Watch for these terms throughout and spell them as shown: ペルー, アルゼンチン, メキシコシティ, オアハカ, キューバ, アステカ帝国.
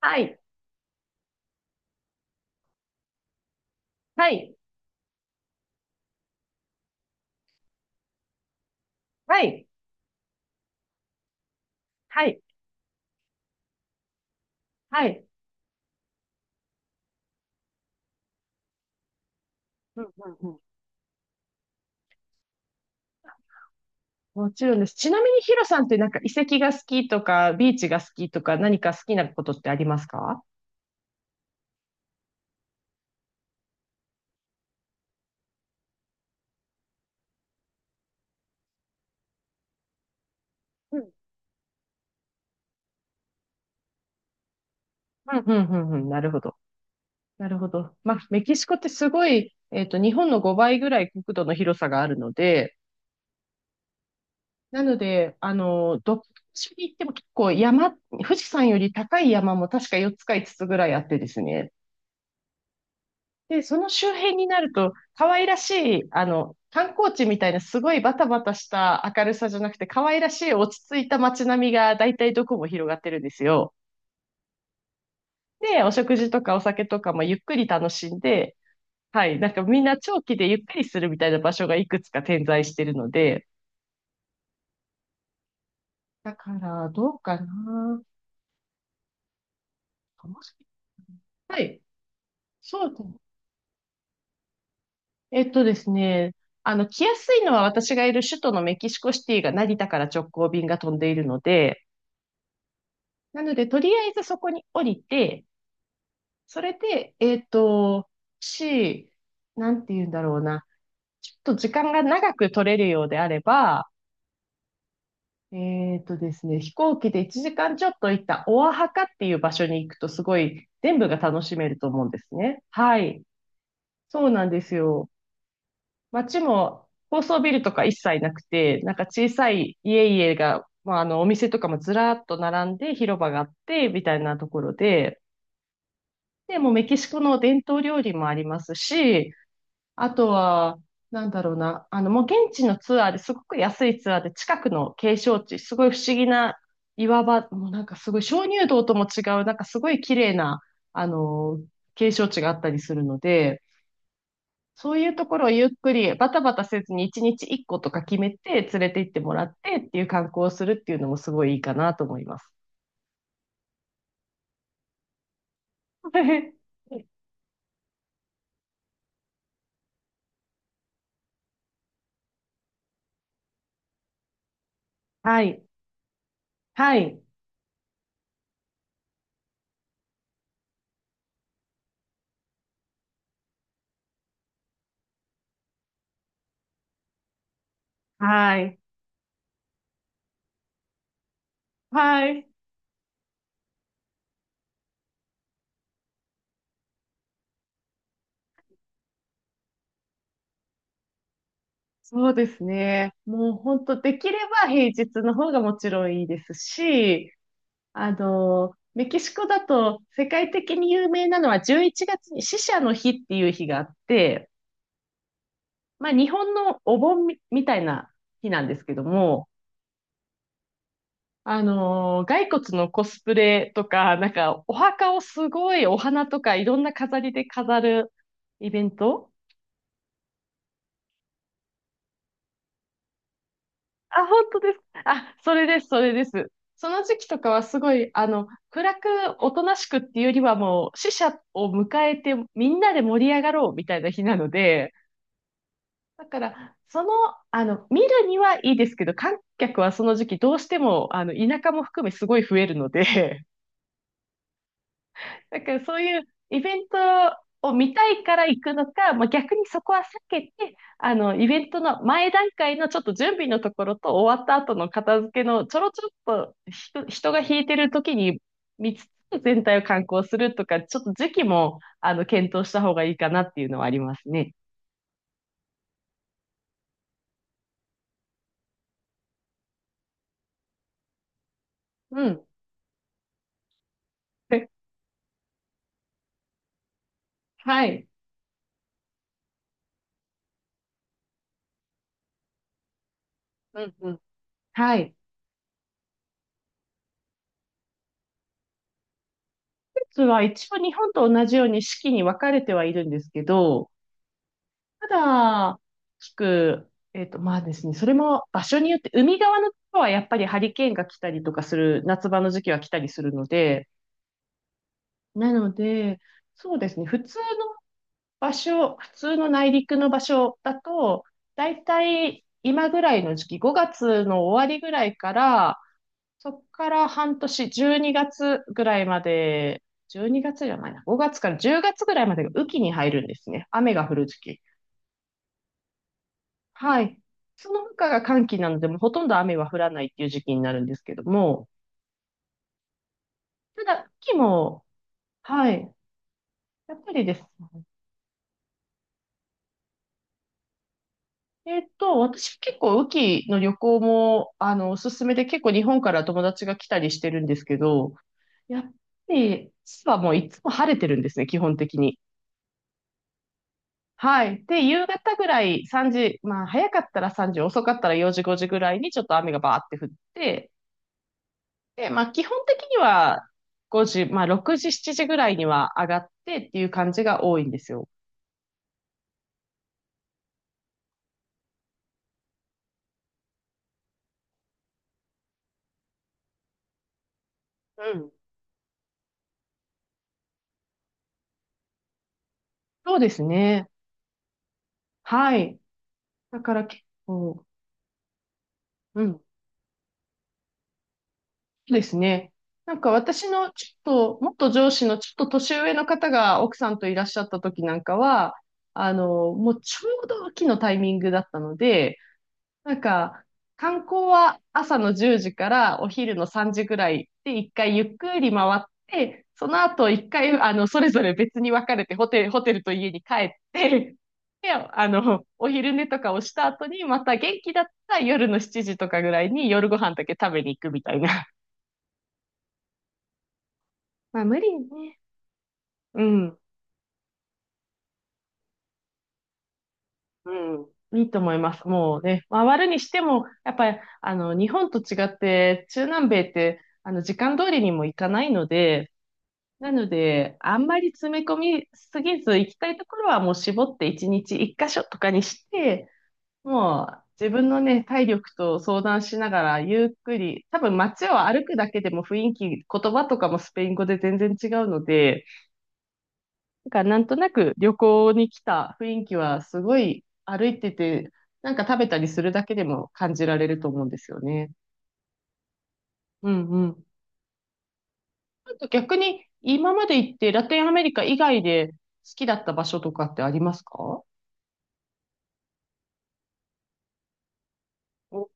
はい、はい、はい、はい、はい。うんうんうん。もちろんです。ちなみにヒロさんってなんか遺跡が好きとか、ビーチが好きとか、何か好きなことってありますか？うん、うん、うん、うん、うん、なるほど。なるほど。まあ、メキシコってすごい、日本の5倍ぐらい国土の広さがあるので、なので、どっちに行っても結構山、富士山より高い山も確か4つか5つつぐらいあってですね。で、その周辺になると、可愛らしい、観光地みたいなすごいバタバタした明るさじゃなくて、可愛らしい落ち着いた街並みが大体どこも広がってるんですよ。で、お食事とかお酒とかもゆっくり楽しんで、はい、なんかみんな長期でゆっくりするみたいな場所がいくつか点在してるので、だから、どうかな。楽しみはい、そうですね。えっとですね、来やすいのは私がいる首都のメキシコシティが成田から直行便が飛んでいるので、なので、とりあえずそこに降りて、それで、し、なんて言うんだろうな。ちょっと時間が長く取れるようであれば、えっとですね、飛行機で1時間ちょっと行ったオアハカっていう場所に行くとすごい全部が楽しめると思うんですね。はい。そうなんですよ。街も高層ビルとか一切なくて、なんか小さい家々が、まあ、お店とかもずらっと並んで広場があって、みたいなところで、で、もうメキシコの伝統料理もありますし、あとは、なんだろうな、もう現地のツアーですごく安いツアーで近くの景勝地、すごい不思議な岩場、もうなんかすごい鍾乳洞とも違う、なんかすごい綺麗な、あの、景勝地があったりするので、そういうところをゆっくりバタバタせずに1日1個とか決めて連れて行ってもらってっていう観光をするっていうのもすごいいいかなと思います。はい。はい。はい。はい。そうですね。もう本当できれば平日の方がもちろんいいですし、メキシコだと世界的に有名なのは11月に死者の日っていう日があって、まあ日本のお盆みたいな日なんですけども、骸骨のコスプレとか、なんかお墓をすごいお花とかいろんな飾りで飾るイベント。あ、本当ですか。あ、それです、それです。その時期とかはすごい、暗く、おとなしくっていうよりはもう、死者を迎えて、みんなで盛り上がろうみたいな日なので、だから、その、あの、見るにはいいですけど、観客はその時期どうしても、田舎も含めすごい増えるので、だからそういうイベントを見たいから行くのか、まあ、逆にそこは避けて、イベントの前段階のちょっと準備のところと終わった後の片付けのちょろちょろっと人が引いてる時に見つつ全体を観光するとか、ちょっと時期も、検討した方がいいかなっていうのはありますね。うん。えはい。うんうん。はい。季節は一応日本と同じように四季に分かれてはいるんですけど、ただ、まあですね、それも場所によって、海側のところはやっぱりハリケーンが来たりとかする、夏場の時期は来たりするので、なので、そうですね、普通の内陸の場所だと、だいたい今ぐらいの時期、5月の終わりぐらいから、そこから半年、12月ぐらいまで、12月じゃないな、5月から10月ぐらいまでが雨季に入るんですね。雨が降る時期。はい。その他が寒気なので、もうほとんど雨は降らないっていう時期になるんですけども、ただ、雨季も、はい。やっぱりですね。私結構雨季の旅行も、おすすめで結構日本から友達が来たりしてるんですけど、やっぱり、実はもういつも晴れてるんですね、基本的に。はい。で、夕方ぐらい3時、まあ早かったら3時、遅かったら4時、5時ぐらいにちょっと雨がバーって降って、で、まあ、基本的には5時、まあ、6時、7時ぐらいには上がってっていう感じが多いんですよ。うん。そうですね。はい。だから結構、うん。そうですね。なんか私のちょっと、もっと上司のちょっと年上の方が奥さんといらっしゃった時なんかは、もうちょうど秋のタイミングだったので、なんか、観光は朝の10時からお昼の3時ぐらいで一回ゆっくり回って、その後一回、それぞれ別に分かれてホテル、ホテルと家に帰って、で、お昼寝とかをした後に、また元気だったら夜の7時とかぐらいに夜ご飯だけ食べに行くみたいな。まあ無理ね。うん、うん。いいと思います。もうね、回るにしても、やっぱり、日本と違って、中南米って、時間通りにも行かないので、なので、あんまり詰め込みすぎず、行きたいところはもう絞って1日1箇所とかにして、もう自分のね、体力と相談しながらゆっくり、多分街を歩くだけでも雰囲気、言葉とかもスペイン語で全然違うので、だからなんとなく旅行に来た雰囲気はすごい歩いてて、なんか食べたりするだけでも感じられると思うんですよね。うんうん。逆に今まで行ってラテンアメリカ以外で好きだった場所とかってありますか？お、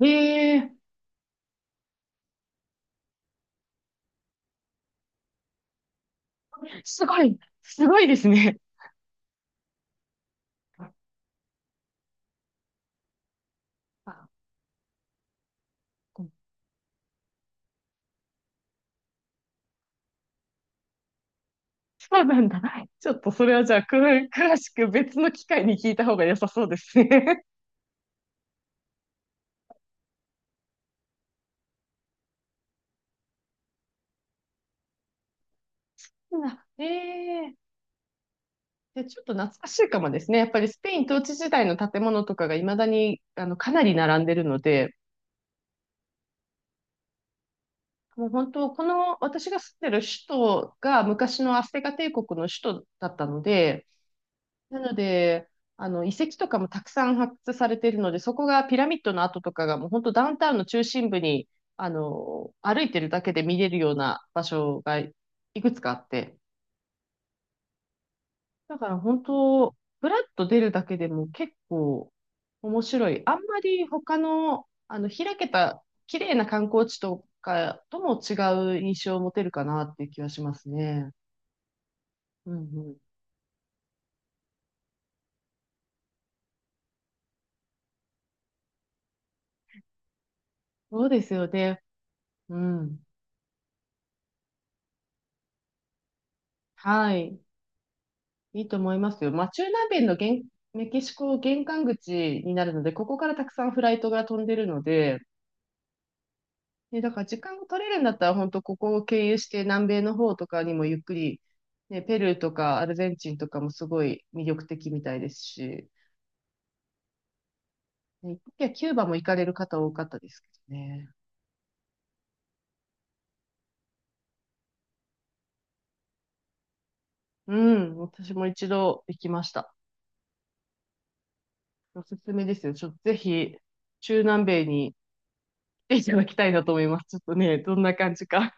えーすごい、すごいですね。あ、そうなんだ。ちょっとそれはじゃあ、詳しく別の機会に聞いた方が良さそうですね。あ、ええ。で、ちょっと懐かしいかもですね。やっぱりスペイン統治時代の建物とかが未だに、かなり並んでるので、もう本当、この私が住んでる首都が昔のアステカ帝国の首都だったので、なので、あの遺跡とかもたくさん発掘されているので、そこがピラミッドの跡とかがもう本当ダウンタウンの中心部に、歩いてるだけで見れるような場所がいくつかあって、だから本当、ふらっと出るだけでも結構面白い。あんまり他の、開けた綺麗な観光地とかとも違う印象を持てるかなっていう気はしますね。うんうん。そうですよね。うん。はい。いいと思いますよ。まあ、中南米のメキシコ玄関口になるので、ここからたくさんフライトが飛んでるので、ね、だから時間を取れるんだったら、本当ここを経由して南米の方とかにもゆっくり、ね、ペルーとかアルゼンチンとかもすごい魅力的みたいですし、ね、いや、キューバも行かれる方多かったですけどね。うん、私も一度行きました。おすすめですよ。ちょっとぜひ、中南米に来ていただきたいなと思います。ちょっとね、どんな感じか。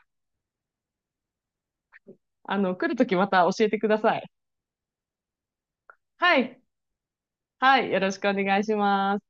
来るときまた教えてください。はい。はい。よろしくお願いします。